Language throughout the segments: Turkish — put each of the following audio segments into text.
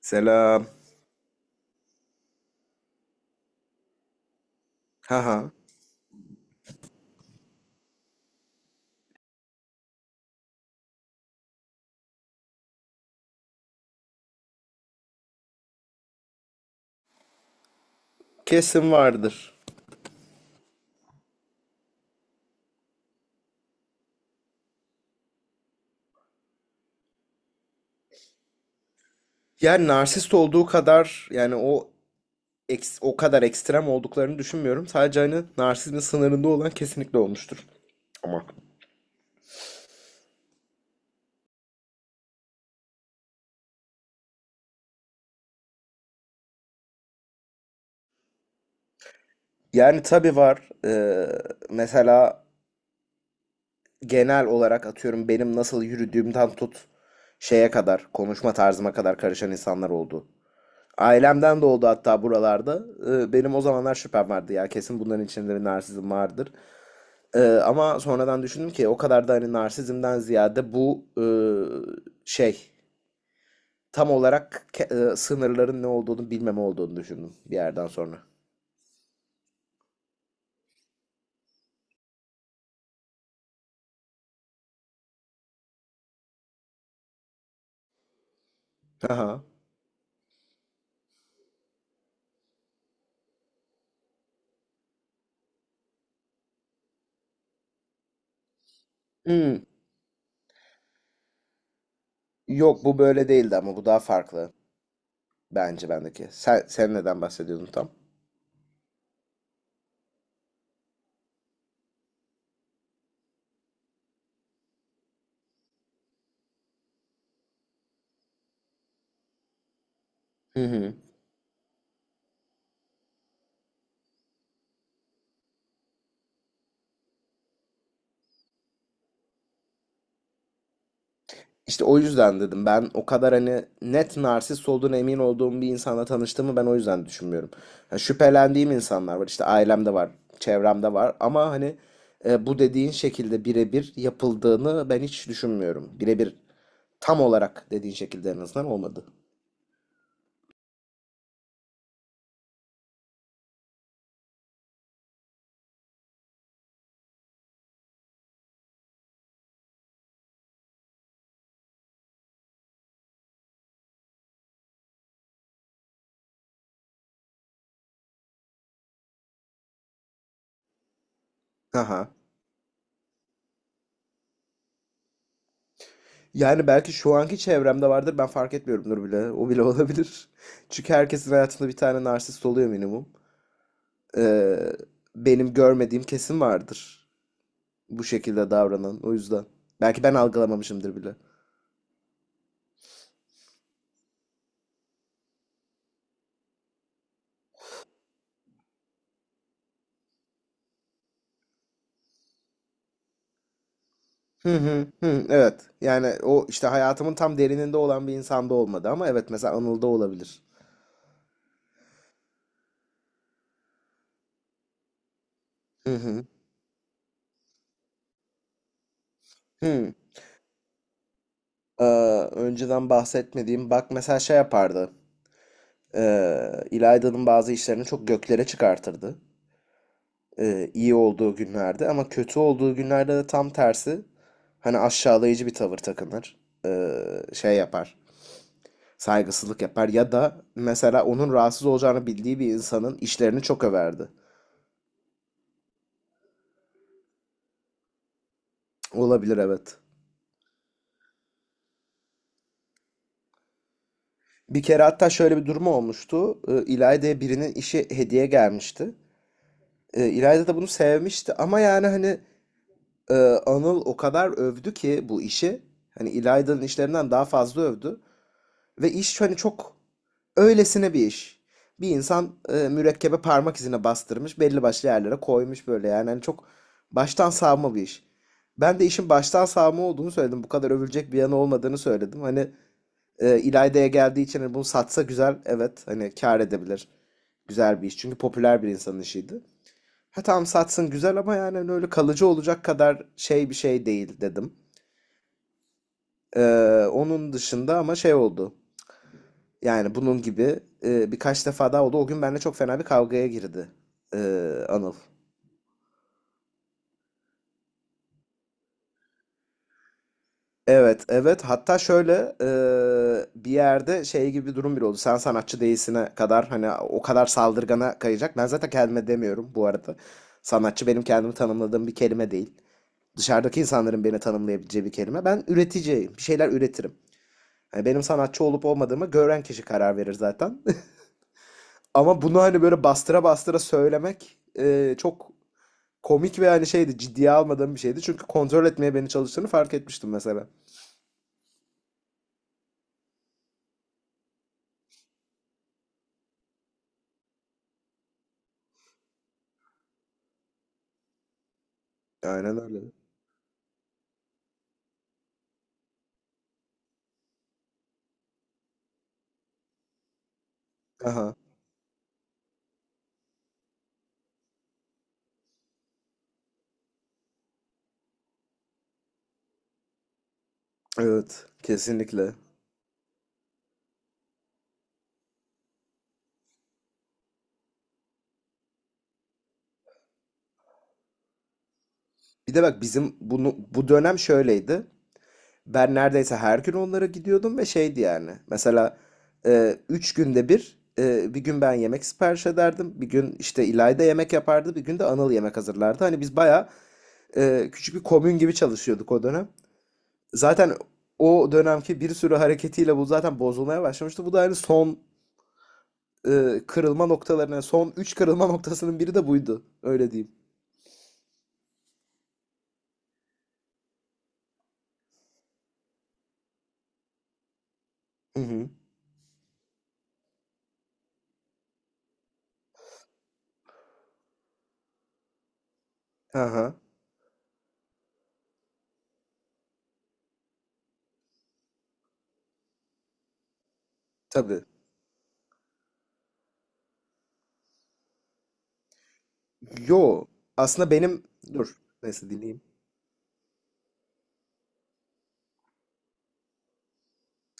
Selam. Haha. Kesin vardır. Yani narsist olduğu kadar yani o o kadar ekstrem olduklarını düşünmüyorum. Sadece hani narsizmin sınırında olan kesinlikle olmuştur. Ama. Yani tabii var. Mesela genel olarak atıyorum benim nasıl yürüdüğümden tut şeye kadar, konuşma tarzıma kadar karışan insanlar oldu. Ailemden de oldu hatta buralarda. Benim o zamanlar şüphem vardı ya kesin bunların içinde bir narsizm vardır. Ama sonradan düşündüm ki o kadar da hani narsizmden ziyade bu şey tam olarak sınırların ne olduğunu bilmeme olduğunu düşündüm bir yerden sonra. Aha. Hmm. Yok bu böyle değildi ama bu daha farklı bence bendeki. Sen neden bahsediyordun tam? Hı hı. İşte o yüzden dedim ben o kadar hani net narsist olduğuna emin olduğum bir insanla tanıştığımı ben o yüzden düşünmüyorum. Ha, şüphelendiğim insanlar var işte ailemde var, çevremde var ama hani bu dediğin şekilde birebir yapıldığını ben hiç düşünmüyorum. Birebir tam olarak dediğin şekilde en azından olmadı. Aha. Yani belki şu anki çevremde vardır ben fark etmiyorumdur bile. O bile olabilir. Çünkü herkesin hayatında bir tane narsist oluyor minimum. Ee, benim görmediğim kesin vardır bu şekilde davranan. O yüzden. Belki ben algılamamışımdır bile. Hı hı hı. Evet. Yani o işte hayatımın tam derininde olan bir insanda olmadı ama evet mesela Anıl'da olabilir. Hı hı. Hı. Ee, önceden bahsetmediğim bak mesela şey yapardı. İlayda'nın bazı işlerini çok göklere çıkartırdı. İyi olduğu günlerde ama kötü olduğu günlerde de tam tersi hani aşağılayıcı bir tavır takınır. Şey yapar. Saygısızlık yapar ya da mesela onun rahatsız olacağını bildiği bir insanın işlerini çok överdi. Olabilir evet. Bir kere hatta şöyle bir durum olmuştu. İlayda'ya birinin işi hediye gelmişti. İlayda da bunu sevmişti ama yani hani e, Anıl o kadar övdü ki bu işi. Hani İlayda'nın işlerinden daha fazla övdü. Ve iş hani çok öylesine bir iş. Bir insan mürekkebe parmak izine bastırmış, belli başlı yerlere koymuş böyle yani. Hani çok baştan savma bir iş. Ben de işin baştan savma olduğunu söyledim. Bu kadar övülecek bir yanı olmadığını söyledim. Hani İlayda'ya geldiği için hani bunu satsa güzel, evet hani kâr edebilir. Güzel bir iş. Çünkü popüler bir insanın işiydi. Ha tamam satsın güzel ama yani hani öyle kalıcı olacak kadar şey bir şey değil dedim. Ee, onun dışında ama şey oldu. Yani bunun gibi birkaç defa daha oldu. O gün benimle çok fena bir kavgaya girdi e, Anıl. Evet, evet. Hatta şöyle e, bir yerde şey gibi bir durum bile oldu. Sen sanatçı değilsine kadar hani o kadar saldırgana kayacak. Ben zaten kendime demiyorum bu arada. Sanatçı benim kendimi tanımladığım bir kelime değil. Dışarıdaki insanların beni tanımlayabileceği bir kelime. Ben üreticiyim. Bir şeyler üretirim. Yani benim sanatçı olup olmadığımı gören kişi karar verir zaten. Ama bunu hani böyle bastıra bastıra söylemek çok komik ve hani şeydi ciddiye almadığım bir şeydi. Çünkü kontrol etmeye beni çalıştığını fark etmiştim mesela. Aynen öyle. Aha. Evet. Kesinlikle. Bir de bak bizim bunu bu dönem şöyleydi. Ben neredeyse her gün onlara gidiyordum ve şeydi yani. Mesela üç günde bir bir gün ben yemek sipariş ederdim. Bir gün işte İlayda yemek yapardı. Bir gün de Anıl yemek hazırlardı. Hani biz bayağı küçük bir komün gibi çalışıyorduk o dönem. Zaten o dönemki bir sürü hareketiyle bu zaten bozulmaya başlamıştı. Bu da hani son kırılma noktalarının son 3 kırılma noktasının biri de buydu. Öyle diyeyim. Hı hı. Aha. Tabii. Yo. Aslında benim dur. Neyse dinleyeyim.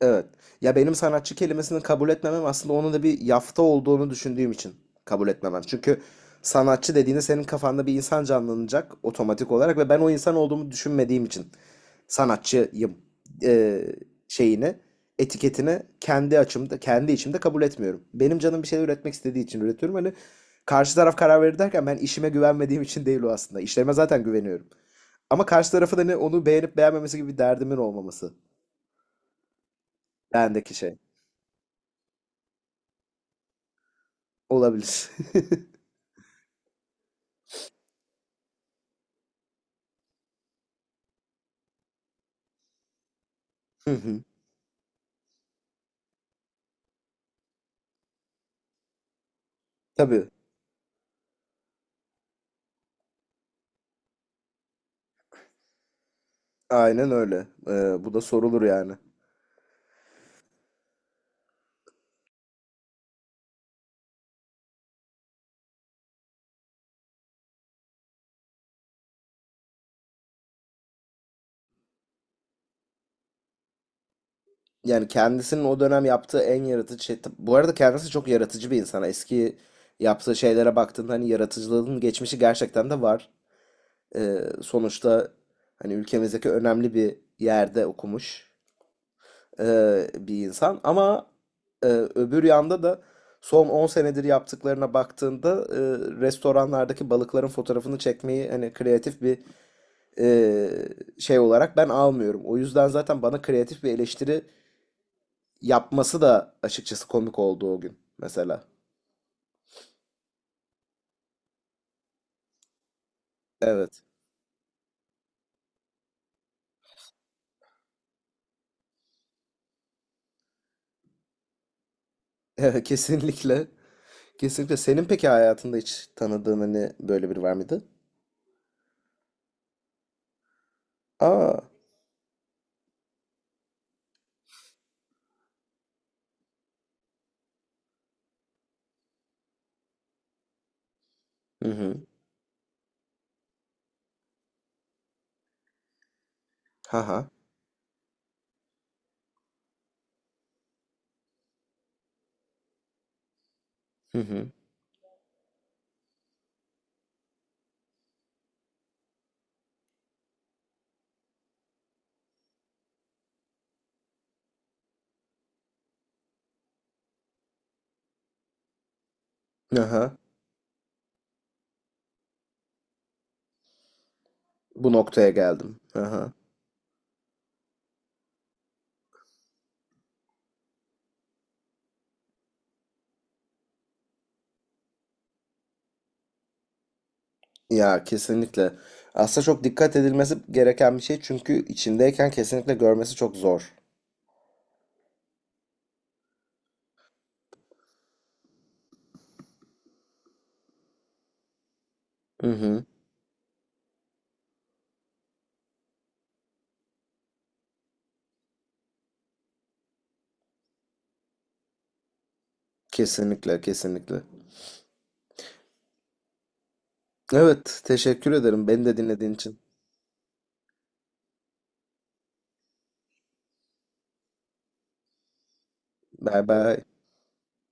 Evet. Ya benim sanatçı kelimesini kabul etmemem aslında onun da bir yafta olduğunu düşündüğüm için kabul etmemem. Çünkü sanatçı dediğinde senin kafanda bir insan canlanacak otomatik olarak ve ben o insan olduğumu düşünmediğim için sanatçıyım e, şeyini, etiketini kendi açımda, kendi içimde kabul etmiyorum. Benim canım bir şey üretmek istediği için üretiyorum. Hani karşı taraf karar verir derken ben işime güvenmediğim için değil o aslında. İşlerime zaten güveniyorum. Ama karşı tarafı da ne onu beğenip beğenmemesi gibi bir derdimin olmaması. Bendeki şey. Olabilir. Hı hı. Tabii. Aynen öyle. Bu da sorulur yani. Yani kendisinin o dönem yaptığı en yaratıcı şey. Bu arada kendisi çok yaratıcı bir insan. Eski yaptığı şeylere baktığında hani yaratıcılığın geçmişi gerçekten de var. Sonuçta hani ülkemizdeki önemli bir yerde okumuş bir insan. Ama öbür yanda da son 10 senedir yaptıklarına baktığında restoranlardaki balıkların fotoğrafını çekmeyi hani kreatif bir e, şey olarak ben almıyorum. O yüzden zaten bana kreatif bir eleştiri yapması da açıkçası komik oldu o gün mesela. Evet. Evet, kesinlikle. Kesinlikle. Senin peki hayatında hiç tanıdığın hani böyle biri var mıydı? Aa. Hı hı. Haha. Hı hı. Aha. Bu noktaya geldim. Aha. Ya kesinlikle. Aslında çok dikkat edilmesi gereken bir şey çünkü içindeyken kesinlikle görmesi çok zor. Hı hı. Kesinlikle, kesinlikle. Evet, teşekkür ederim beni de dinlediğin için. Bye bye.